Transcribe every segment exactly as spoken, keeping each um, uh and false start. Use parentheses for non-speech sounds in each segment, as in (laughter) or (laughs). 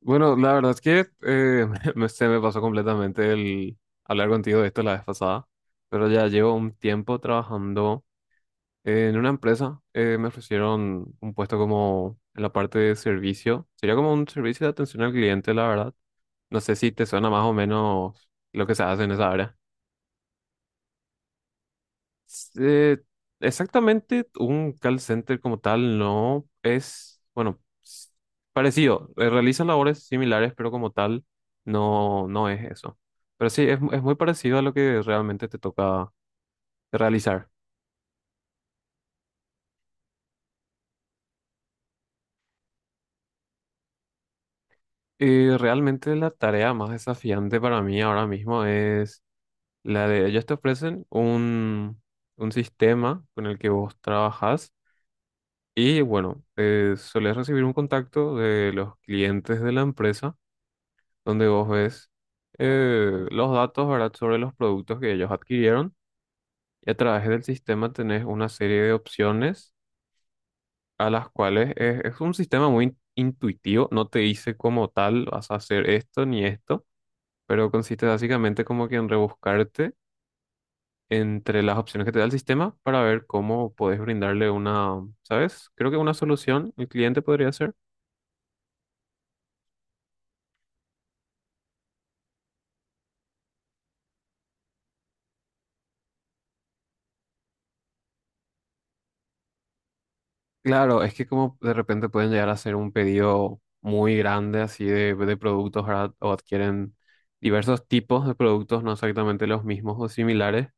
Bueno, la verdad es que eh, (laughs) me- se me pasó completamente el hablar contigo de esto la vez pasada, pero ya llevo un tiempo trabajando en una empresa. Eh, me ofrecieron un puesto como en la parte de servicio. Sería como un servicio de atención al cliente, la verdad. No sé si te suena más o menos lo que se hace en esa área. Eh, Exactamente, un call center como tal no es, bueno, s- parecido, eh, realiza labores similares, pero como tal no, no es eso. Pero sí, es, mu- es muy parecido a lo que realmente te toca realizar. Y realmente la tarea más desafiante para mí ahora mismo es la de, ellos te ofrecen un, un sistema con el que vos trabajas y bueno, eh, solés recibir un contacto de los clientes de la empresa donde vos ves eh, los datos, ¿verdad? Sobre los productos que ellos adquirieron y a través del sistema tenés una serie de opciones a las cuales es, es, un sistema muy in- intuitivo, no te dice como tal vas a hacer esto ni esto, pero consiste básicamente como que en rebuscarte entre las opciones que te da el sistema para ver cómo podés brindarle una, ¿sabes? Creo que una solución el cliente podría ser. Claro, es que como de repente pueden llegar a hacer un pedido muy grande así de, de productos, ¿verdad? O adquieren diversos tipos de productos, no exactamente los mismos o similares,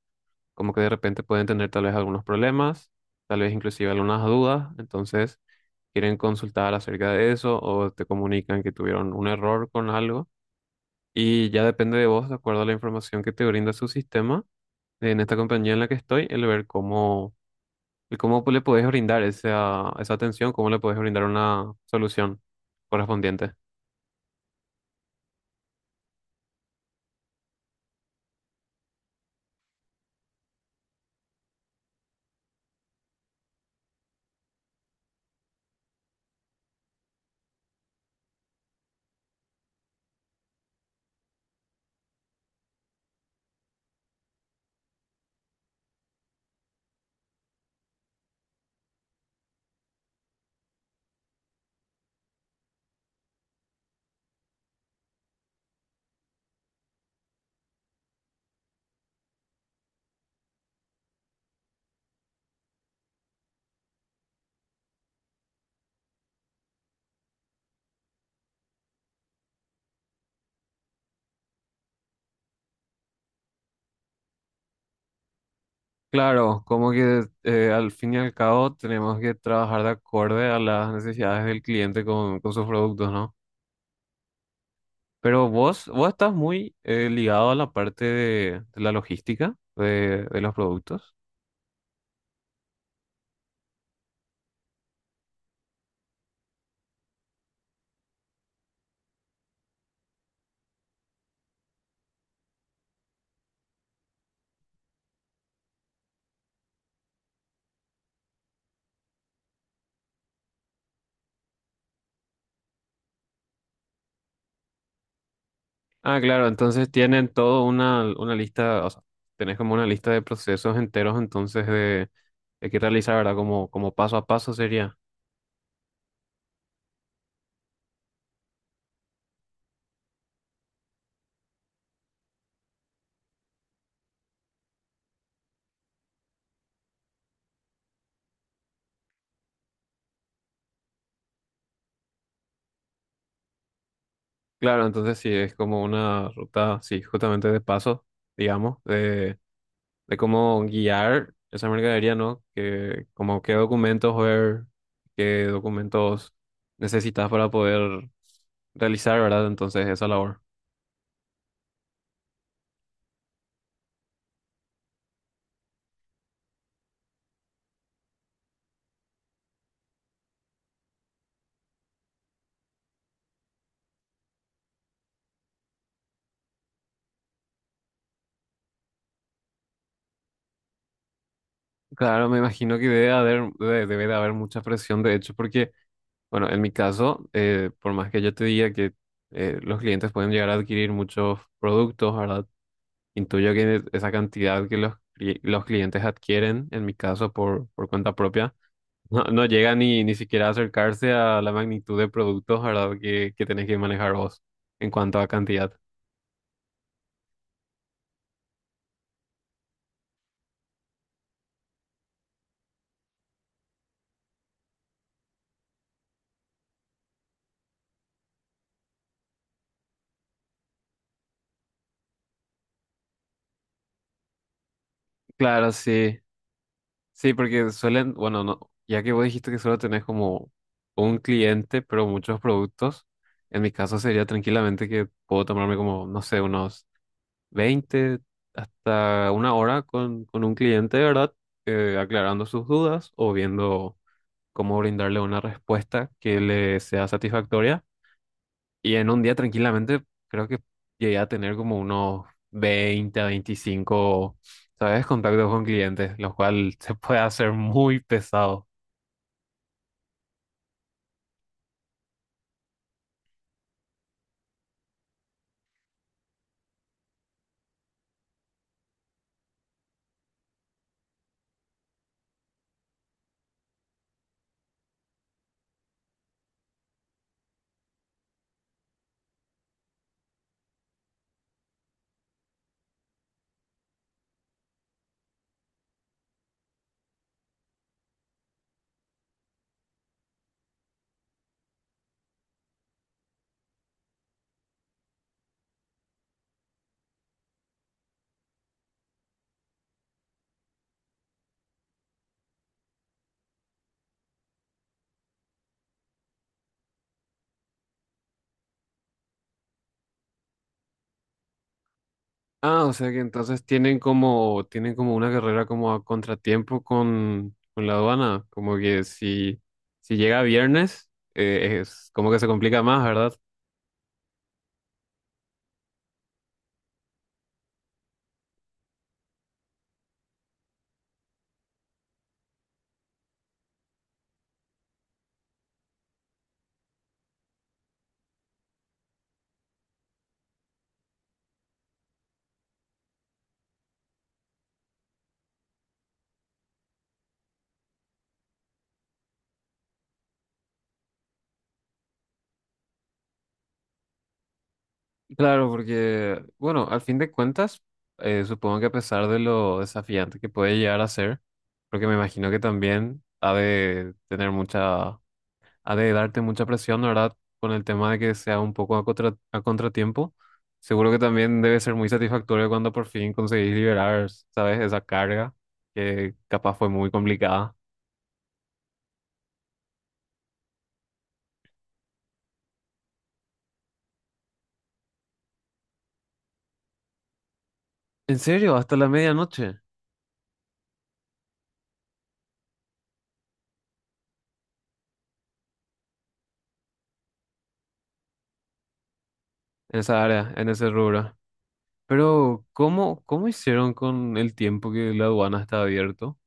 como que de repente pueden tener tal vez algunos problemas, tal vez inclusive algunas dudas, entonces quieren consultar acerca de eso o te comunican que tuvieron un error con algo y ya depende de vos, de acuerdo a la información que te brinda su sistema, en esta compañía en la que estoy, el ver cómo. ¿Y cómo le podés brindar esa, esa atención? ¿Cómo le podés brindar una solución correspondiente? Claro, como que eh, al fin y al cabo tenemos que trabajar de acorde a las necesidades del cliente con, con, sus productos, ¿no? Pero vos, vos estás muy eh, ligado a la parte de, de la logística de, de los productos. Ah, claro, entonces tienen todo una, una lista, o sea, tenés como una lista de procesos enteros entonces de, de, que realizar, ¿verdad? Como, como paso a paso sería. Claro, entonces sí, es como una ruta, sí, justamente de paso, digamos, de, de cómo guiar esa mercadería, ¿no? Que, como qué documentos ver, qué documentos necesitas para poder realizar, ¿verdad? Entonces, esa labor. Claro, me imagino que debe haber, de- debe de haber mucha presión, de hecho, porque, bueno, en mi caso, eh, por más que yo te diga que eh, los clientes pueden llegar a adquirir muchos productos, ¿verdad? Intuyo que esa cantidad que los, cli- los clientes adquieren, en mi caso por, por, cuenta propia, (laughs) no, no llega ni, ni siquiera a acercarse a la magnitud de productos, ¿verdad? Que, que tenés que manejar vos en cuanto a cantidad. Claro, sí. Sí, porque suelen, bueno, no, ya que vos dijiste que solo tenés como un cliente, pero muchos productos, en mi caso sería tranquilamente que puedo tomarme como, no sé, unos veinte hasta una hora con, con un cliente, ¿verdad? Eh, aclarando sus dudas o viendo cómo brindarle una respuesta que le sea satisfactoria. Y en un día tranquilamente creo que llegué a tener como unos veinte a veinticinco, ¿sabes? Contactos con clientes, lo cual (laughs) se puede hacer muy pesado. Ah, o sea que entonces tienen como, tienen como, una carrera como a contratiempo con, con, la aduana, como que si, si llega viernes, eh, es como que se complica más, ¿verdad? Claro, porque, bueno, al fin de cuentas, eh, supongo que a pesar de lo desafiante que puede llegar a ser, porque me imagino que también ha de tener mucha, ha de darte mucha presión, ¿no?, ¿verdad? Con el tema de que sea un poco a contra- a contratiempo. Seguro que también debe ser muy satisfactorio cuando por fin conseguís liberar, ¿sabes? Esa carga que capaz fue muy complicada. En serio, ¿hasta la medianoche en esa área, en ese rubro? Pero, ¿cómo, cómo, hicieron con el tiempo que la aduana está abierto?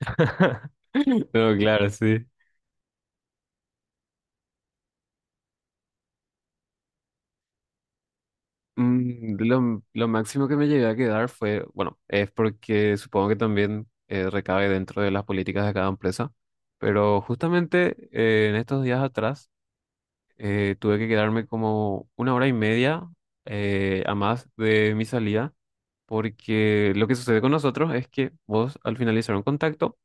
(laughs) Oh. Pero claro, sí. Mm, Lo, lo máximo que me llegué a quedar fue, bueno, es porque supongo que también eh, recae dentro de las políticas de cada empresa, pero justamente eh, en estos días atrás eh, tuve que quedarme como una hora y media eh, a más de mi salida, porque lo que sucede con nosotros es que vos al finalizar un contacto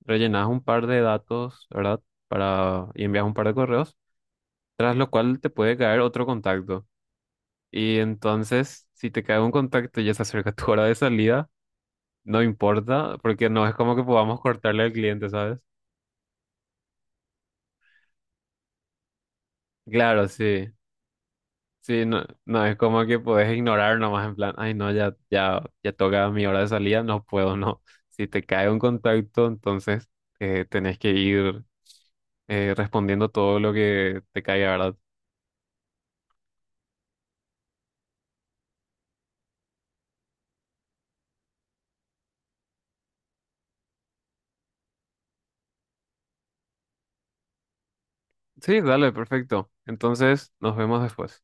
rellenás un par de datos, ¿verdad? Para, y envías un par de correos, tras lo cual te puede caer otro contacto. Y entonces, si te cae un contacto y ya se acerca tu hora de salida, no importa, porque no es como que podamos cortarle al cliente, ¿sabes? Claro, sí. Sí, no, no es como que podés ignorar nomás en plan, ay, no, ya, ya, ya toca mi hora de salida, no puedo, no. Si te cae un contacto, entonces eh, tenés que ir eh, respondiendo todo lo que te caiga, ¿verdad? Sí, dale, perfecto. Entonces, nos vemos después.